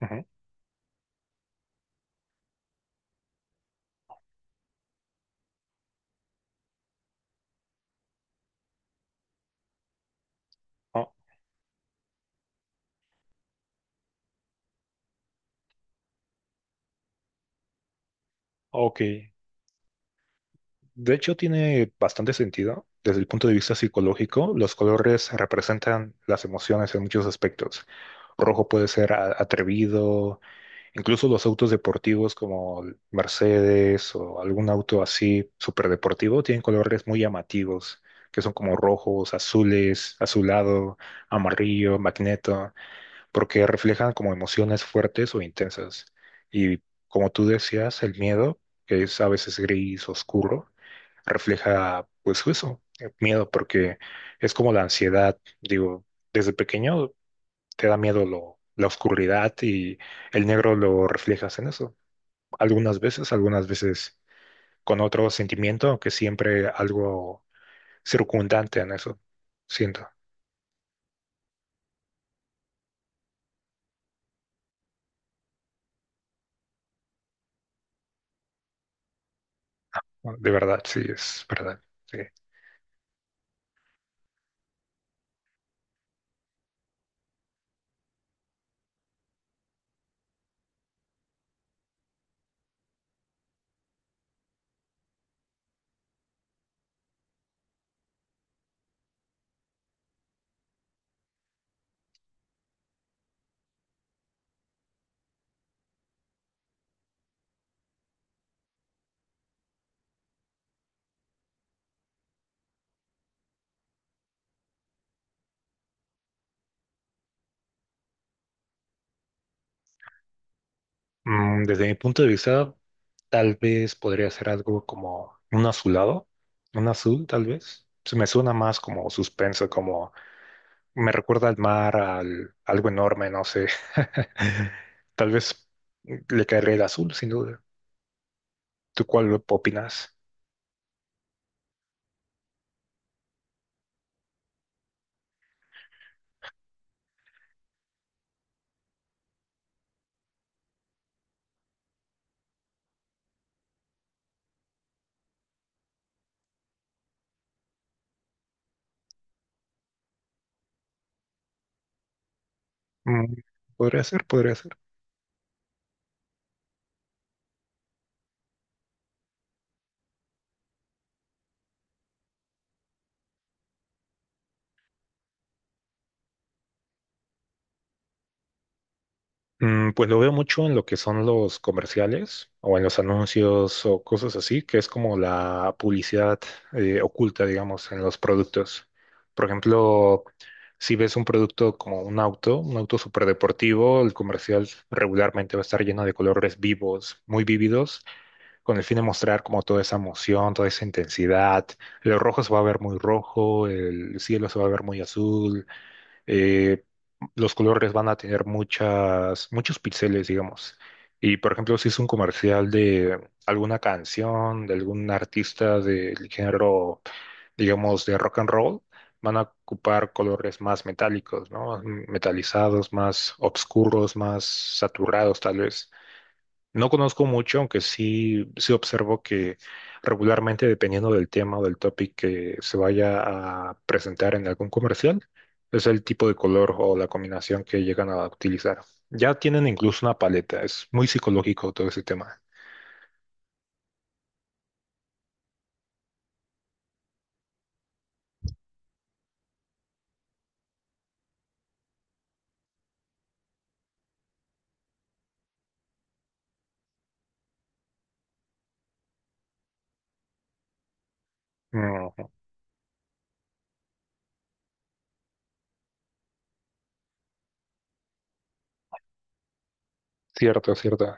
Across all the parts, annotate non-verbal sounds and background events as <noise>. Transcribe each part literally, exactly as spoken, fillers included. Ujú. Ah, ok. De hecho, tiene bastante sentido. Desde el punto de vista psicológico, los colores representan las emociones en muchos aspectos. Rojo puede ser a- atrevido, incluso los autos deportivos como el Mercedes o algún auto así súper deportivo tienen colores muy llamativos, que son como rojos, azules, azulado, amarillo, magneto, porque reflejan como emociones fuertes o intensas. Y como tú decías, el miedo, que es a veces gris, oscuro, refleja pues eso, el miedo, porque es como la ansiedad. Digo, desde pequeño te da miedo lo, la oscuridad y el negro lo reflejas en eso. Algunas veces, algunas veces con otro sentimiento, aunque siempre algo circundante en eso. Siento, de verdad, sí, es verdad. Sí. Mm, Desde mi punto de vista, tal vez podría ser algo como un azulado, un azul tal vez. Se me suena más como suspenso, como me recuerda al mar, al algo enorme, no sé. <laughs> Tal vez le caería el azul, sin duda. ¿Tú cuál opinas? Mm, Podría ser, podría ser. Mm, Pues lo veo mucho en lo que son los comerciales o en los anuncios o cosas así, que es como la publicidad eh, oculta, digamos, en los productos. Por ejemplo, si ves un producto como un auto, un auto superdeportivo, el comercial regularmente va a estar lleno de colores vivos, muy vívidos, con el fin de mostrar como toda esa emoción, toda esa intensidad. El rojo se va a ver muy rojo, el cielo se va a ver muy azul, eh, los colores van a tener muchas, muchos píxeles, digamos. Y por ejemplo, si es un comercial de alguna canción, de algún artista del género, digamos, de rock and roll, van a ocupar colores más metálicos, ¿no? Metalizados, más oscuros, más saturados, tal vez. No conozco mucho, aunque sí, sí observo que regularmente, dependiendo del tema o del topic que se vaya a presentar en algún comercial, es el tipo de color o la combinación que llegan a utilizar. Ya tienen incluso una paleta, es muy psicológico todo ese tema. Ujú. Cierto, cierto.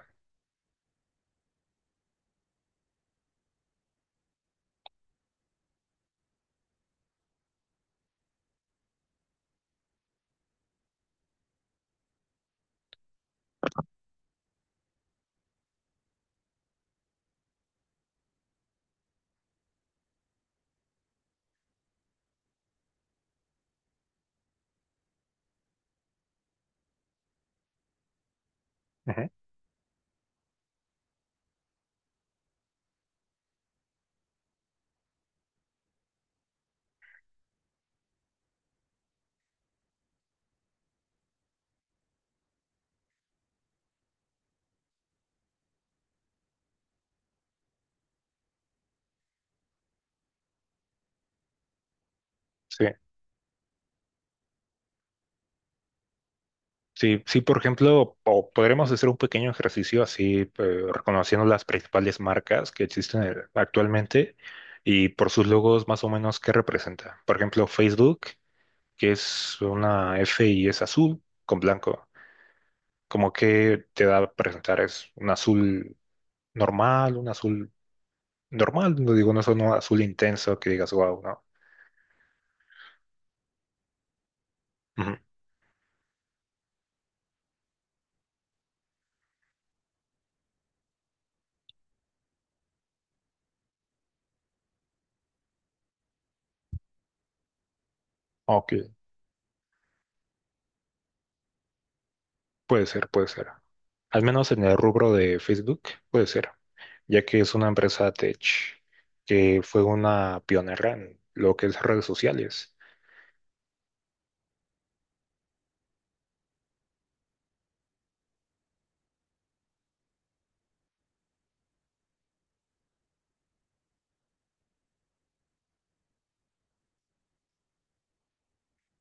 Ujú. Sí. Sí, sí, por ejemplo, o podremos hacer un pequeño ejercicio así, eh, reconociendo las principales marcas que existen eh, actualmente, y por sus logos más o menos qué representa. Por ejemplo, Facebook, que es una F y es azul con blanco. Como que te da a presentar es un azul normal, un azul normal, no digo, no es un azul intenso que digas, wow, ¿no? Ujú. Ok. Puede ser, puede ser. Al menos en el rubro de Facebook, puede ser, ya que es una empresa tech que fue una pionera en lo que es redes sociales.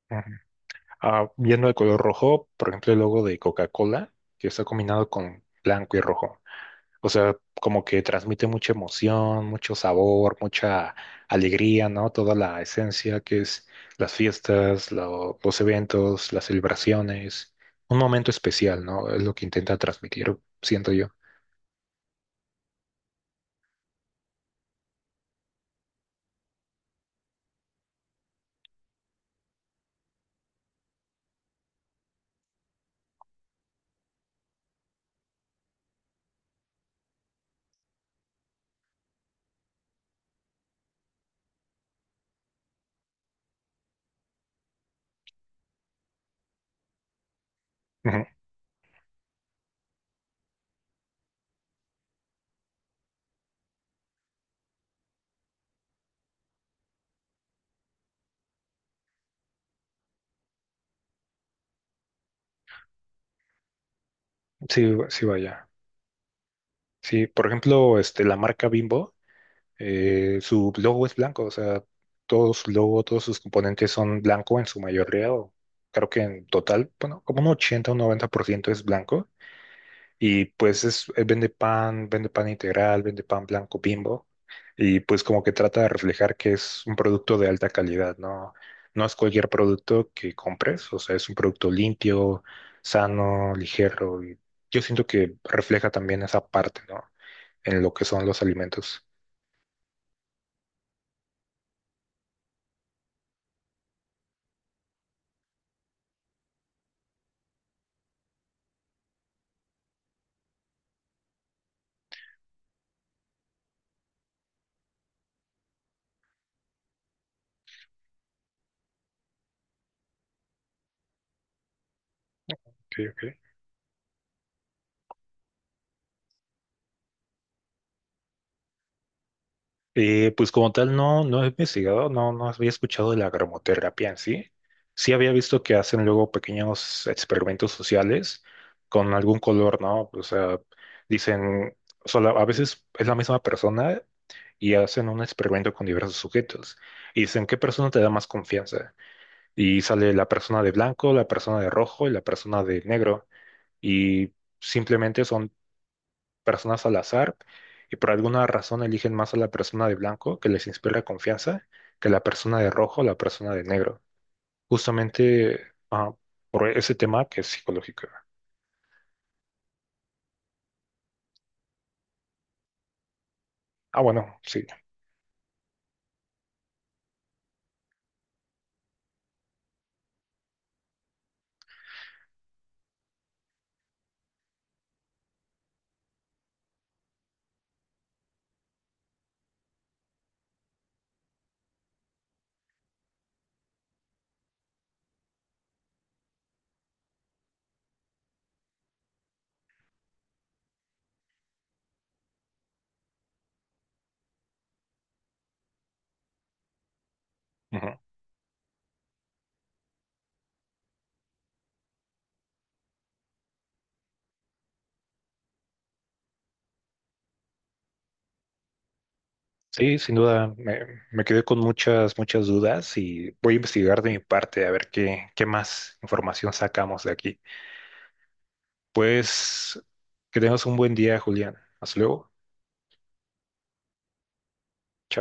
Ujú. Ah, viendo el color rojo, por ejemplo, el logo de Coca-Cola, que está combinado con blanco y rojo. O sea, como que transmite mucha emoción, mucho sabor, mucha alegría, ¿no? Toda la esencia que es las fiestas, lo- los eventos, las celebraciones. Un momento especial, ¿no? Es lo que intenta transmitir, siento yo. Ujú. Sí, sí, vaya. Sí, por ejemplo, este, la marca Bimbo, eh, su logo es blanco, o sea, todo su logo, todos sus componentes son blanco en su mayoría, o creo que en total, bueno, como un ochenta o un noventa por ciento es blanco. Y pues es, eh, vende pan, vende pan integral, vende pan blanco Bimbo. Y pues como que trata de reflejar que es un producto de alta calidad, ¿no? No es cualquier producto que compres, o sea, es un producto limpio, sano, ligero. Y yo siento que refleja también esa parte, ¿no? En lo que son los alimentos. Ok, ok. Eh, pues como tal no, no he investigado, no, no había escuchado de la gramoterapia en sí. Sí había visto que hacen luego pequeños experimentos sociales con algún color, ¿no? O sea, dicen, solo, a veces es la misma persona y hacen un experimento con diversos sujetos. Y dicen, ¿qué persona te da más confianza? Y sale la persona de blanco, la persona de rojo y la persona de negro. Y simplemente son personas al azar, y por alguna razón eligen más a la persona de blanco, que les inspira confianza, que la persona de rojo o la persona de negro. Justamente ah, por ese tema que es psicológico. Ah, bueno, sí. Ujú. Sí, sin duda, me, me quedé con muchas, muchas dudas y voy a investigar de mi parte a ver qué, qué más información sacamos de aquí. Pues que tengas un buen día, Julián. Hasta luego. Chao.